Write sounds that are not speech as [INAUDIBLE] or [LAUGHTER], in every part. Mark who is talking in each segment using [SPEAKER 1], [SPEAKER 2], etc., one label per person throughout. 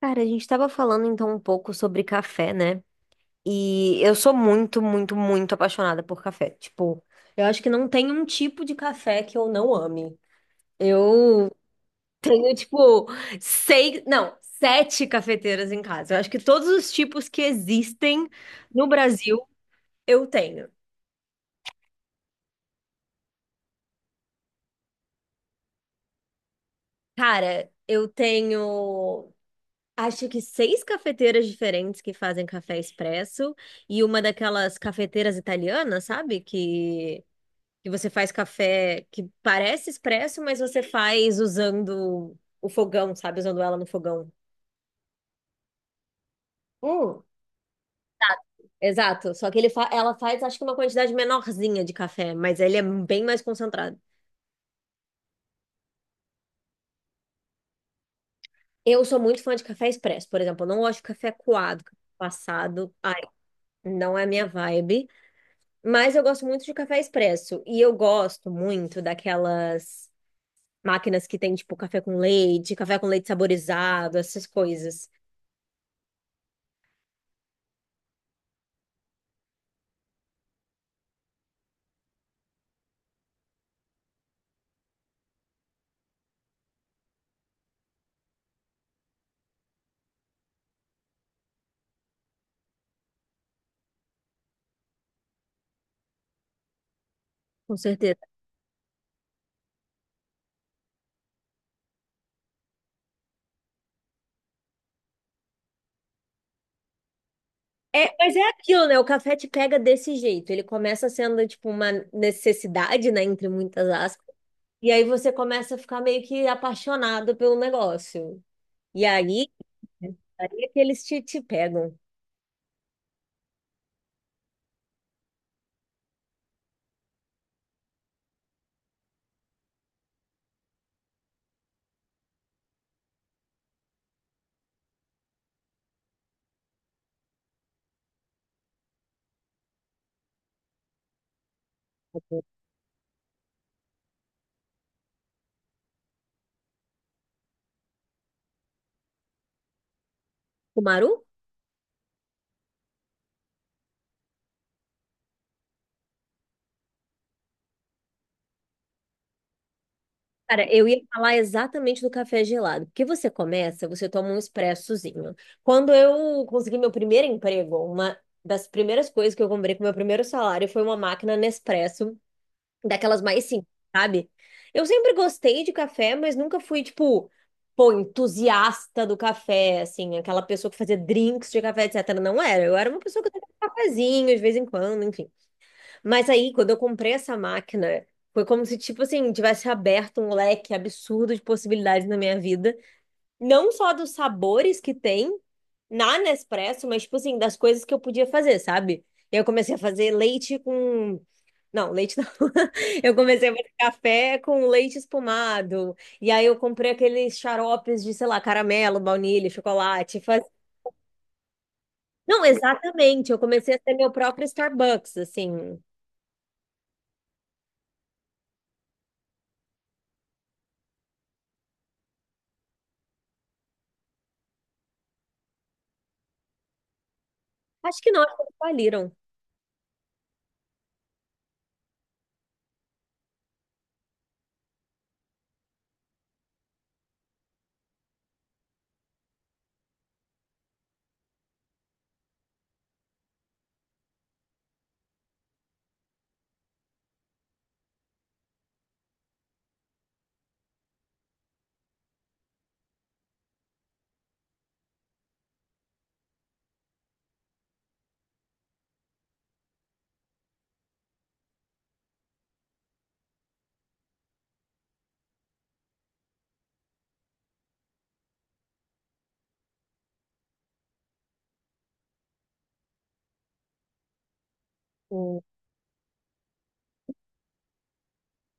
[SPEAKER 1] Cara, a gente estava falando então um pouco sobre café, né? E eu sou muito, muito, muito apaixonada por café. Tipo, eu acho que não tem um tipo de café que eu não ame. Eu [LAUGHS] tenho, tipo, seis, não, sete cafeteiras em casa. Eu acho que todos os tipos que existem no Brasil eu tenho. Cara, eu tenho, acho que seis cafeteiras diferentes que fazem café expresso e uma daquelas cafeteiras italianas, sabe? Que você faz café que parece expresso, mas você faz usando o fogão, sabe? Usando ela no fogão. Hum, Exato. Só que ela faz, acho que uma quantidade menorzinha de café, mas ele é bem mais concentrado. Eu sou muito fã de café expresso, por exemplo. Eu não gosto de café coado, café passado. Ai, não é a minha vibe. Mas eu gosto muito de café expresso. E eu gosto muito daquelas máquinas que tem, tipo, café com leite saborizado, essas coisas. Com certeza. É, mas é aquilo, né? O café te pega desse jeito. Ele começa sendo, tipo, uma necessidade, né? Entre muitas aspas. E aí você começa a ficar meio que apaixonado pelo negócio. E aí, é que eles te pegam. O Maru? Cara, eu ia falar exatamente do café gelado. Porque você começa, você toma um expressozinho. Quando eu consegui meu primeiro emprego, uma das primeiras coisas que eu comprei com meu primeiro salário foi uma máquina Nespresso daquelas mais simples, sabe? Eu sempre gostei de café, mas nunca fui, tipo, pô, entusiasta do café, assim, aquela pessoa que fazia drinks de café, etc. Não era. Eu era uma pessoa que tomava cafezinho de vez em quando, enfim. Mas aí, quando eu comprei essa máquina, foi como se, tipo assim, tivesse aberto um leque absurdo de possibilidades na minha vida. Não só dos sabores que tem na Nespresso, mas, tipo assim, das coisas que eu podia fazer, sabe? Eu comecei a fazer leite com não, leite não. [LAUGHS] Eu comecei a fazer café com leite espumado. E aí eu comprei aqueles xaropes de, sei lá, caramelo, baunilha, chocolate. Faz... Não, exatamente. Eu comecei a ter meu próprio Starbucks, assim. Acho que não, acho que eles faliram. Hum.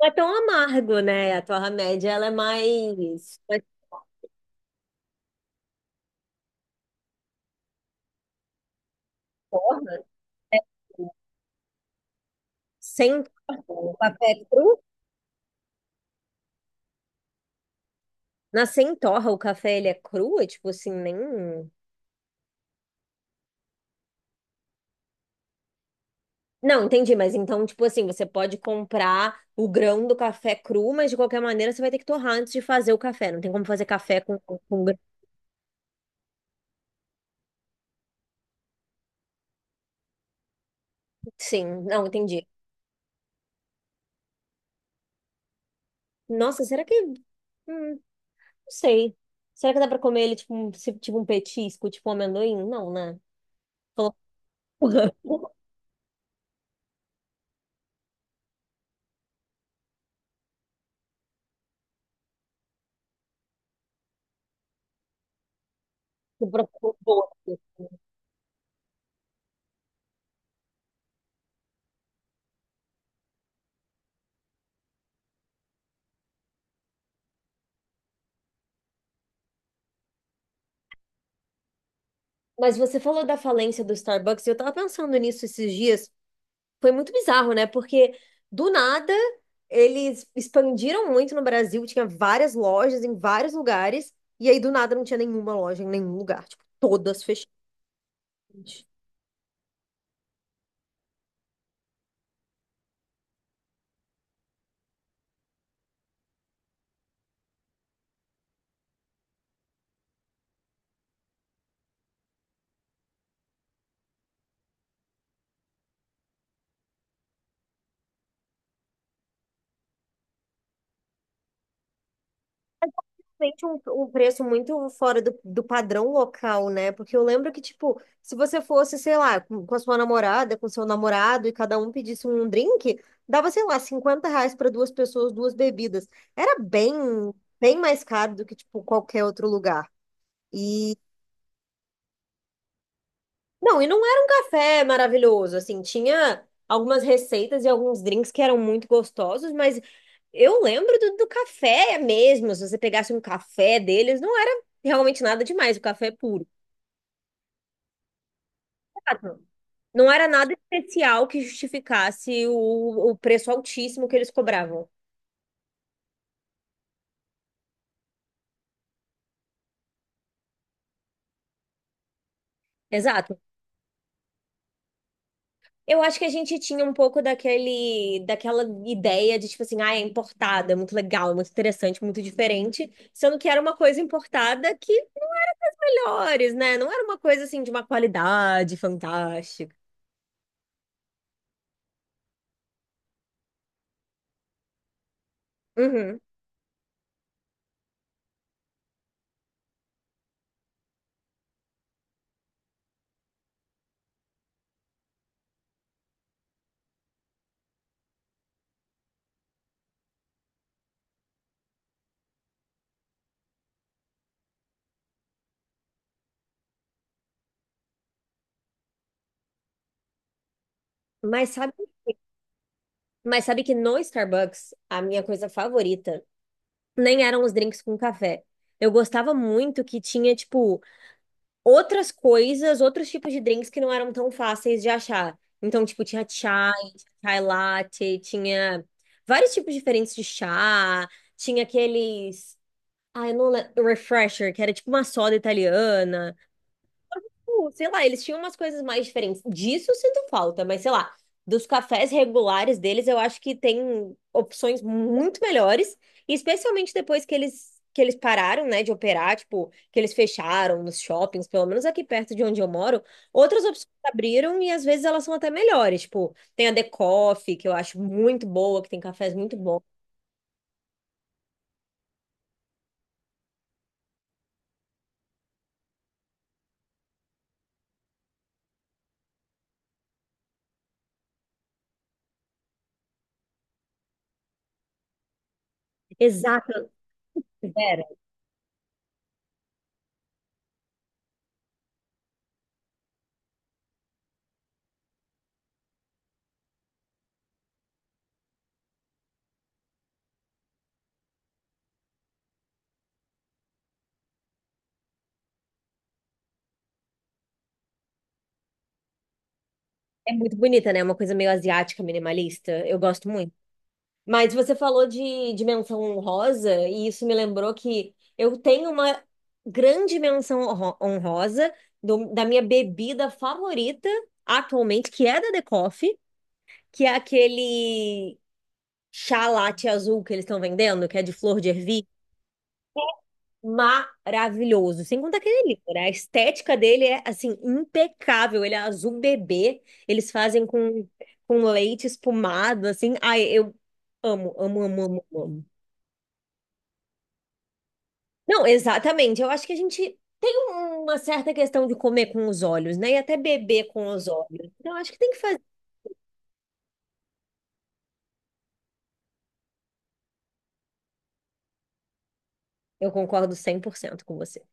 [SPEAKER 1] Não é tão amargo, né? A torra média, ela é mais torra, assim. Sem torra. O café é cru. Na sem torra, o café, ele é cru? É tipo assim, nem... Não, entendi, mas então, tipo assim, você pode comprar o grão do café cru, mas de qualquer maneira você vai ter que torrar antes de fazer o café. Não tem como fazer café com, com grão. Sim, não, entendi. Nossa, será que. Não sei. Será que dá pra comer ele tipo um, tipo um petisco, tipo um amendoim? Não, né? Falou. [LAUGHS] Mas você falou da falência do Starbucks, e eu tava pensando nisso esses dias. Foi muito bizarro, né? Porque do nada eles expandiram muito no Brasil, tinha várias lojas em vários lugares, e aí do nada não tinha nenhuma loja em nenhum lugar, tipo, todas fechadas. Realmente um, um preço muito fora do padrão local, né? Porque eu lembro que, tipo, se você fosse, sei lá, com, a sua namorada, com seu namorado, e cada um pedisse um drink, dava, sei lá, R$ 50 para duas pessoas, duas bebidas. Era bem, bem mais caro do que, tipo, qualquer outro lugar. e Não, e não era um café maravilhoso, assim, tinha algumas receitas e alguns drinks que eram muito gostosos, mas eu lembro do, café mesmo, se você pegasse um café deles, não era realmente nada demais, o café é puro. Exato. Não era nada especial que justificasse o preço altíssimo que eles cobravam. Exato. Eu acho que a gente tinha um pouco daquele, daquela ideia de, tipo assim, ah, é importada, é muito legal, é muito interessante, muito diferente, sendo que era uma coisa importada que melhores, né? Não era uma coisa assim de uma qualidade fantástica. Uhum. Mas sabe, mas sabe que no Starbucks, a minha coisa favorita nem eram os drinks com café. Eu gostava muito que tinha, tipo, outras coisas, outros tipos de drinks que não eram tão fáceis de achar. Então, tipo, tinha chai, chai latte, tinha vários tipos diferentes de chá, tinha aqueles. Ah, eu não lembro. Refresher, que era tipo uma soda italiana. Tipo, sei lá, eles tinham umas coisas mais diferentes. Disso eu sinto falta, mas sei lá, dos cafés regulares deles, eu acho que tem opções muito melhores, e especialmente depois que eles pararam, né, de operar, tipo, que eles fecharam nos shoppings, pelo menos aqui perto de onde eu moro, outras opções abriram e às vezes elas são até melhores, tipo, tem a The Coffee, que eu acho muito boa, que tem cafés muito bons. Exato, Vera, é muito bonita, né? É uma coisa meio asiática, minimalista. Eu gosto muito. Mas você falou de, menção honrosa, e isso me lembrou que eu tenho uma grande menção honrosa da minha bebida favorita atualmente, que é da The Coffee, que é aquele chá latte azul que eles estão vendendo, que é de flor de ervilha. Maravilhoso. Sem contar que ele é lindo, né? A estética dele é, assim, impecável. Ele é azul bebê. Eles fazem com, leite espumado, assim. Ai, eu amo, amo, amo, amo, amo. Não, exatamente. Eu acho que a gente tem uma certa questão de comer com os olhos, né? E até beber com os olhos. Então, acho que tem que fazer. Eu concordo 100% com você.